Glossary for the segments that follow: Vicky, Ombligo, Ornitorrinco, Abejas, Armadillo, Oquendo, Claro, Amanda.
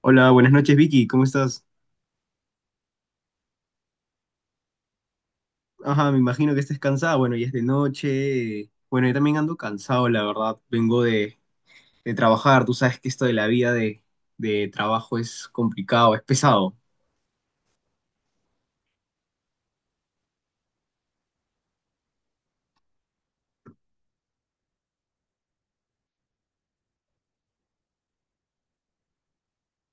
Hola, buenas noches Vicky, ¿cómo estás? Ajá, me imagino que estés cansada, bueno, ya es de noche. Bueno, yo también ando cansado, la verdad. Vengo de trabajar, tú sabes que esto de la vida de trabajo es complicado, es pesado.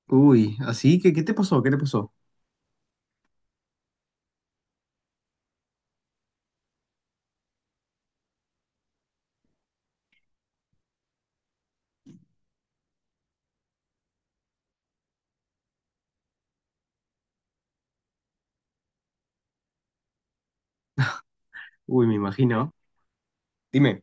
Uy, así que, ¿qué te pasó? ¿Qué te pasó? Uy, me imagino. Dime.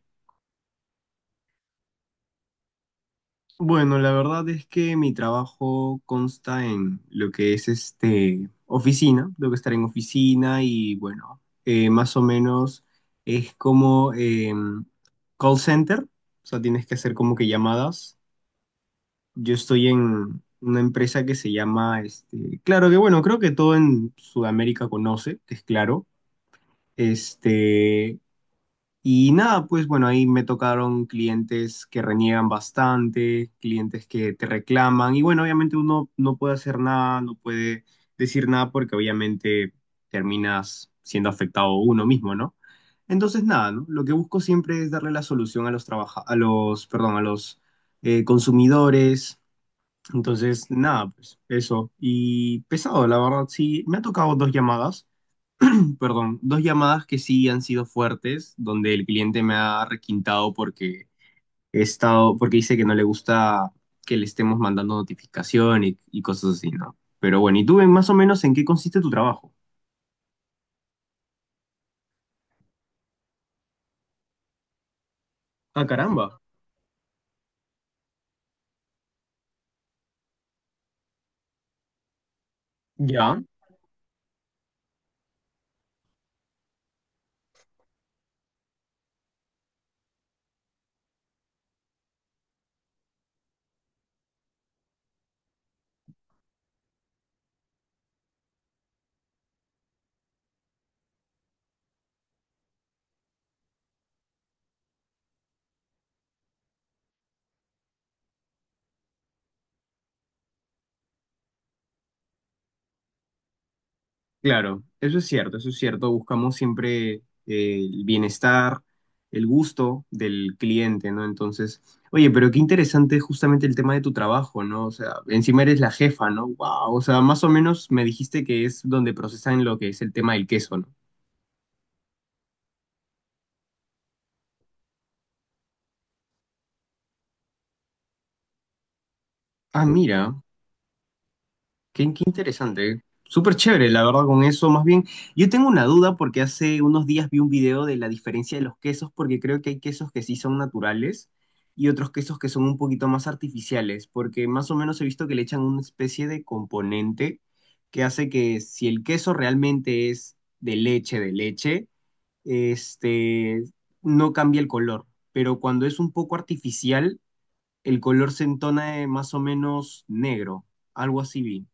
Bueno, la verdad es que mi trabajo consta en lo que es este oficina, tengo que estar en oficina y bueno, más o menos es como call center, o sea, tienes que hacer como que llamadas. Yo estoy en una empresa que se llama, este, claro que bueno, creo que todo en Sudamérica conoce, que es claro, este, y nada, pues bueno, ahí me tocaron clientes que reniegan bastante, clientes que te reclaman y bueno, obviamente uno no puede hacer nada, no puede decir nada porque obviamente terminas siendo afectado uno mismo, ¿no? Entonces nada, ¿no? Lo que busco siempre es darle la solución a los trabaja- a los, perdón, a los consumidores. Entonces nada, pues eso. Y pesado, la verdad, sí, me ha tocado dos llamadas que sí han sido fuertes, donde el cliente me ha requintado porque he estado, porque dice que no le gusta que le estemos mandando notificación y cosas así, ¿no? Pero bueno, ¿y tú más o menos en qué consiste tu trabajo? Ah, caramba. Ya. Claro, eso es cierto, eso es cierto. Buscamos siempre el bienestar, el gusto del cliente, ¿no? Entonces, oye, pero qué interesante justamente el tema de tu trabajo, ¿no? O sea, encima eres la jefa, ¿no? Wow, o sea, más o menos me dijiste que es donde procesan lo que es el tema del queso, ¿no? Ah, mira. Qué, qué interesante. Súper chévere, la verdad, con eso. Más bien, yo tengo una duda porque hace unos días vi un video de la diferencia de los quesos, porque creo que hay quesos que sí son naturales y otros quesos que son un poquito más artificiales, porque más o menos he visto que le echan una especie de componente que hace que si el queso realmente es de leche, este, no cambia el color, pero cuando es un poco artificial, el color se entona de más o menos negro, algo así vi.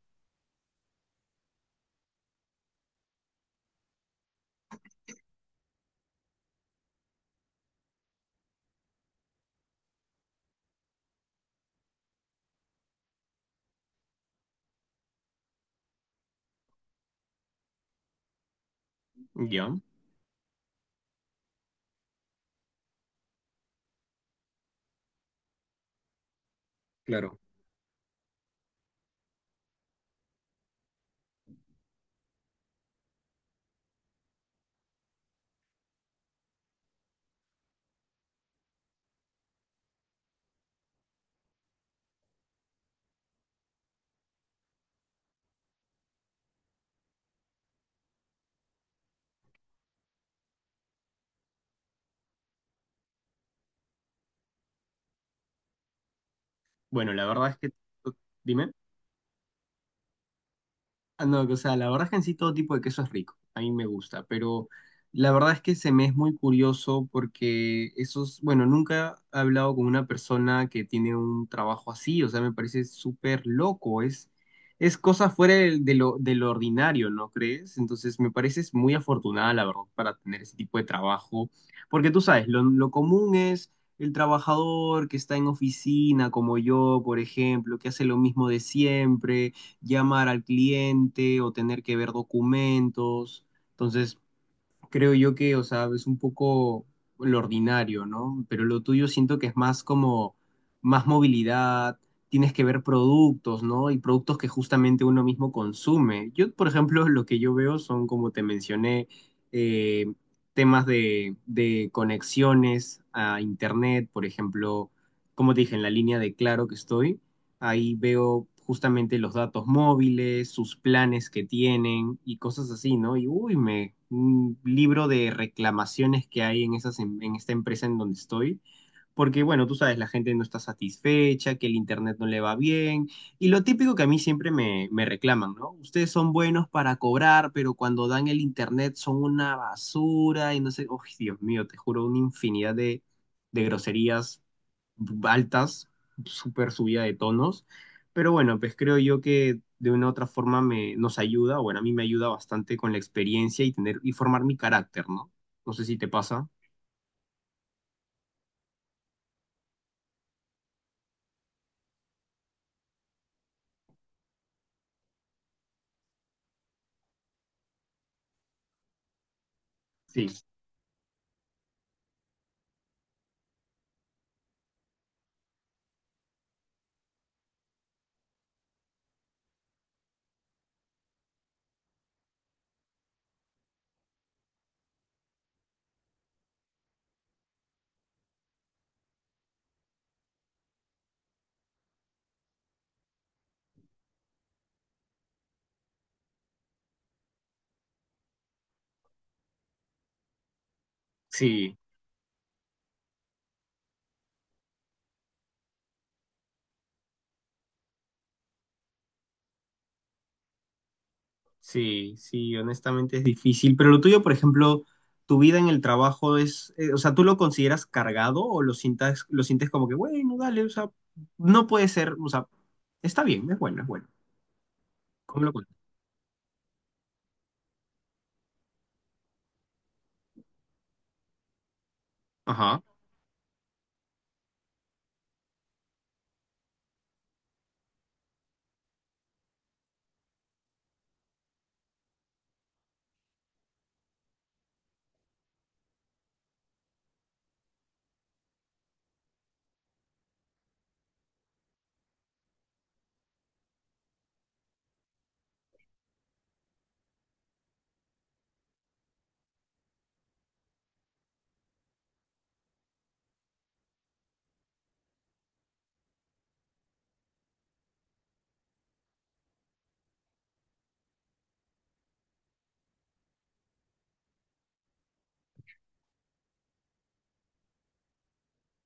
¿Ya? Claro. Bueno, la verdad es que, dime. Ah, no, o sea, la verdad es que en sí todo tipo de queso es rico, a mí me gusta, pero la verdad es que se me es muy curioso porque esos, bueno, nunca he hablado con una persona que tiene un trabajo así, o sea, me parece súper loco, es cosa fuera de de lo ordinario, ¿no crees? Entonces me pareces muy afortunada, la verdad, para tener ese tipo de trabajo, porque tú sabes, lo común es el trabajador que está en oficina, como yo, por ejemplo, que hace lo mismo de siempre llamar al cliente o tener que ver documentos. Entonces, creo yo que, o sea, es un poco lo ordinario, ¿no? Pero lo tuyo siento que es más como más movilidad, tienes que ver productos, ¿no? Y productos que justamente uno mismo consume. Yo, por ejemplo, lo que yo veo son, como te mencioné, eh, temas de conexiones a internet, por ejemplo, como te dije, en la línea de Claro que estoy. Ahí veo justamente los datos móviles, sus planes que tienen y cosas así, ¿no? Y uy, me, un libro de reclamaciones que hay en esas, en esta empresa en donde estoy. Porque, bueno, tú sabes, la gente no está satisfecha, que el internet no le va bien. Y lo típico que a mí siempre me, me reclaman, ¿no? Ustedes son buenos para cobrar, pero cuando dan el internet son una basura y no sé, uy, Dios mío, te juro, una infinidad de groserías altas, súper subida de tonos, pero bueno, pues creo yo que de una u otra forma me, nos ayuda, bueno, a mí me ayuda bastante con la experiencia y tener y formar mi carácter, ¿no? No sé si te pasa. Sí, Sí, sí, honestamente es difícil, pero lo tuyo, por ejemplo, tu vida en el trabajo es, o sea, ¿tú lo consideras cargado o lo sientas, lo sientes como que, bueno, dale, o sea, no puede ser, o sea, está bien, es bueno, es bueno. ¿Cómo lo cuentas? Ajá,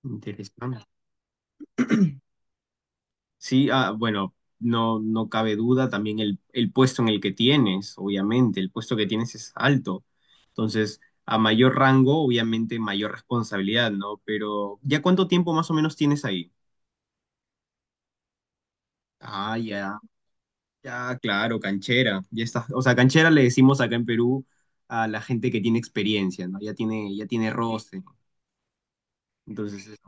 interesante. Sí, ah, bueno, no, no cabe duda también el puesto en el que tienes, obviamente, el puesto que tienes es alto. Entonces, a mayor rango, obviamente, mayor responsabilidad, ¿no? Pero, ¿ya cuánto tiempo más o menos tienes ahí? Ah, ya, ya, claro, canchera. Ya está, o sea, canchera le decimos acá en Perú a la gente que tiene experiencia, ¿no? Ya tiene roce. Entonces,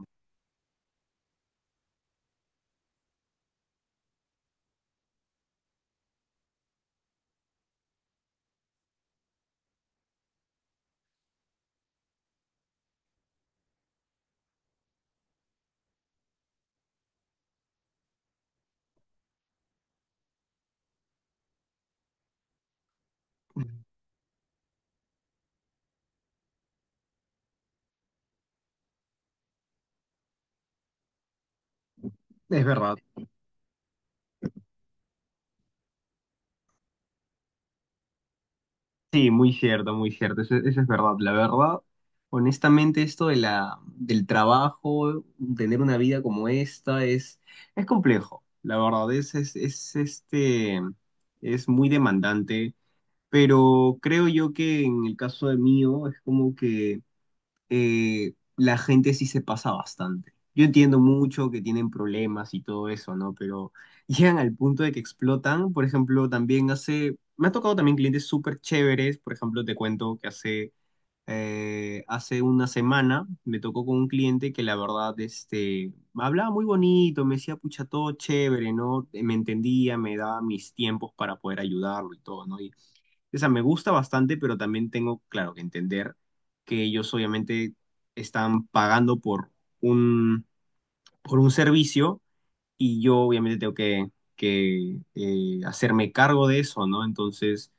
es verdad. Sí, muy cierto, eso es verdad. La verdad, honestamente, esto de la, del trabajo, tener una vida como esta, es complejo. La verdad, es, es muy demandante, pero creo yo que en el caso de mío, es como que la gente sí se pasa bastante. Yo entiendo mucho que tienen problemas y todo eso, ¿no? Pero llegan al punto de que explotan. Por ejemplo, también hace, me ha tocado también clientes súper chéveres. Por ejemplo, te cuento que hace una semana me tocó con un cliente que la verdad, este, me hablaba muy bonito, me decía, pucha, todo chévere, ¿no? Me entendía, me daba mis tiempos para poder ayudarlo y todo, ¿no? Y o sea, me gusta bastante, pero también tengo, claro, que entender que ellos obviamente están pagando por un, por un servicio y yo obviamente tengo que, que hacerme cargo de eso, ¿no? Entonces,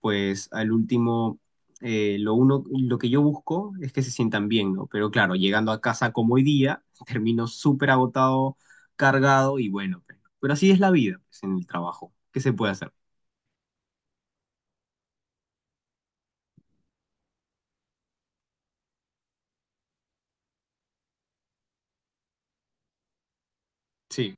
pues al último, lo uno, lo que yo busco es que se sientan bien, ¿no? Pero claro, llegando a casa como hoy día, termino súper agotado, cargado y bueno, pero así es la vida, pues, en el trabajo. ¿Qué se puede hacer? Sí.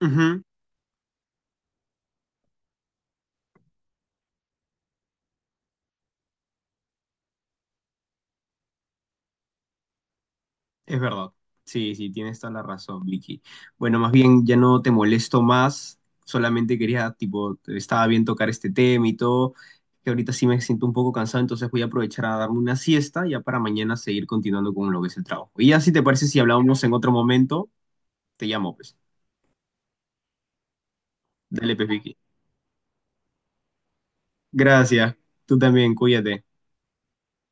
Ujú. Es verdad. Sí, sí, tienes toda la razón, Vicky. Bueno, más bien ya no te molesto más. Solamente quería, tipo, estaba bien tocar este tema y todo, que ahorita sí me siento un poco cansado, entonces voy a aprovechar a darme una siesta ya para mañana seguir continuando con lo que es el trabajo. Y ya si te parece, si hablamos en otro momento, te llamo, pues. Dale, pues, Vicky. Gracias. Tú también, cuídate.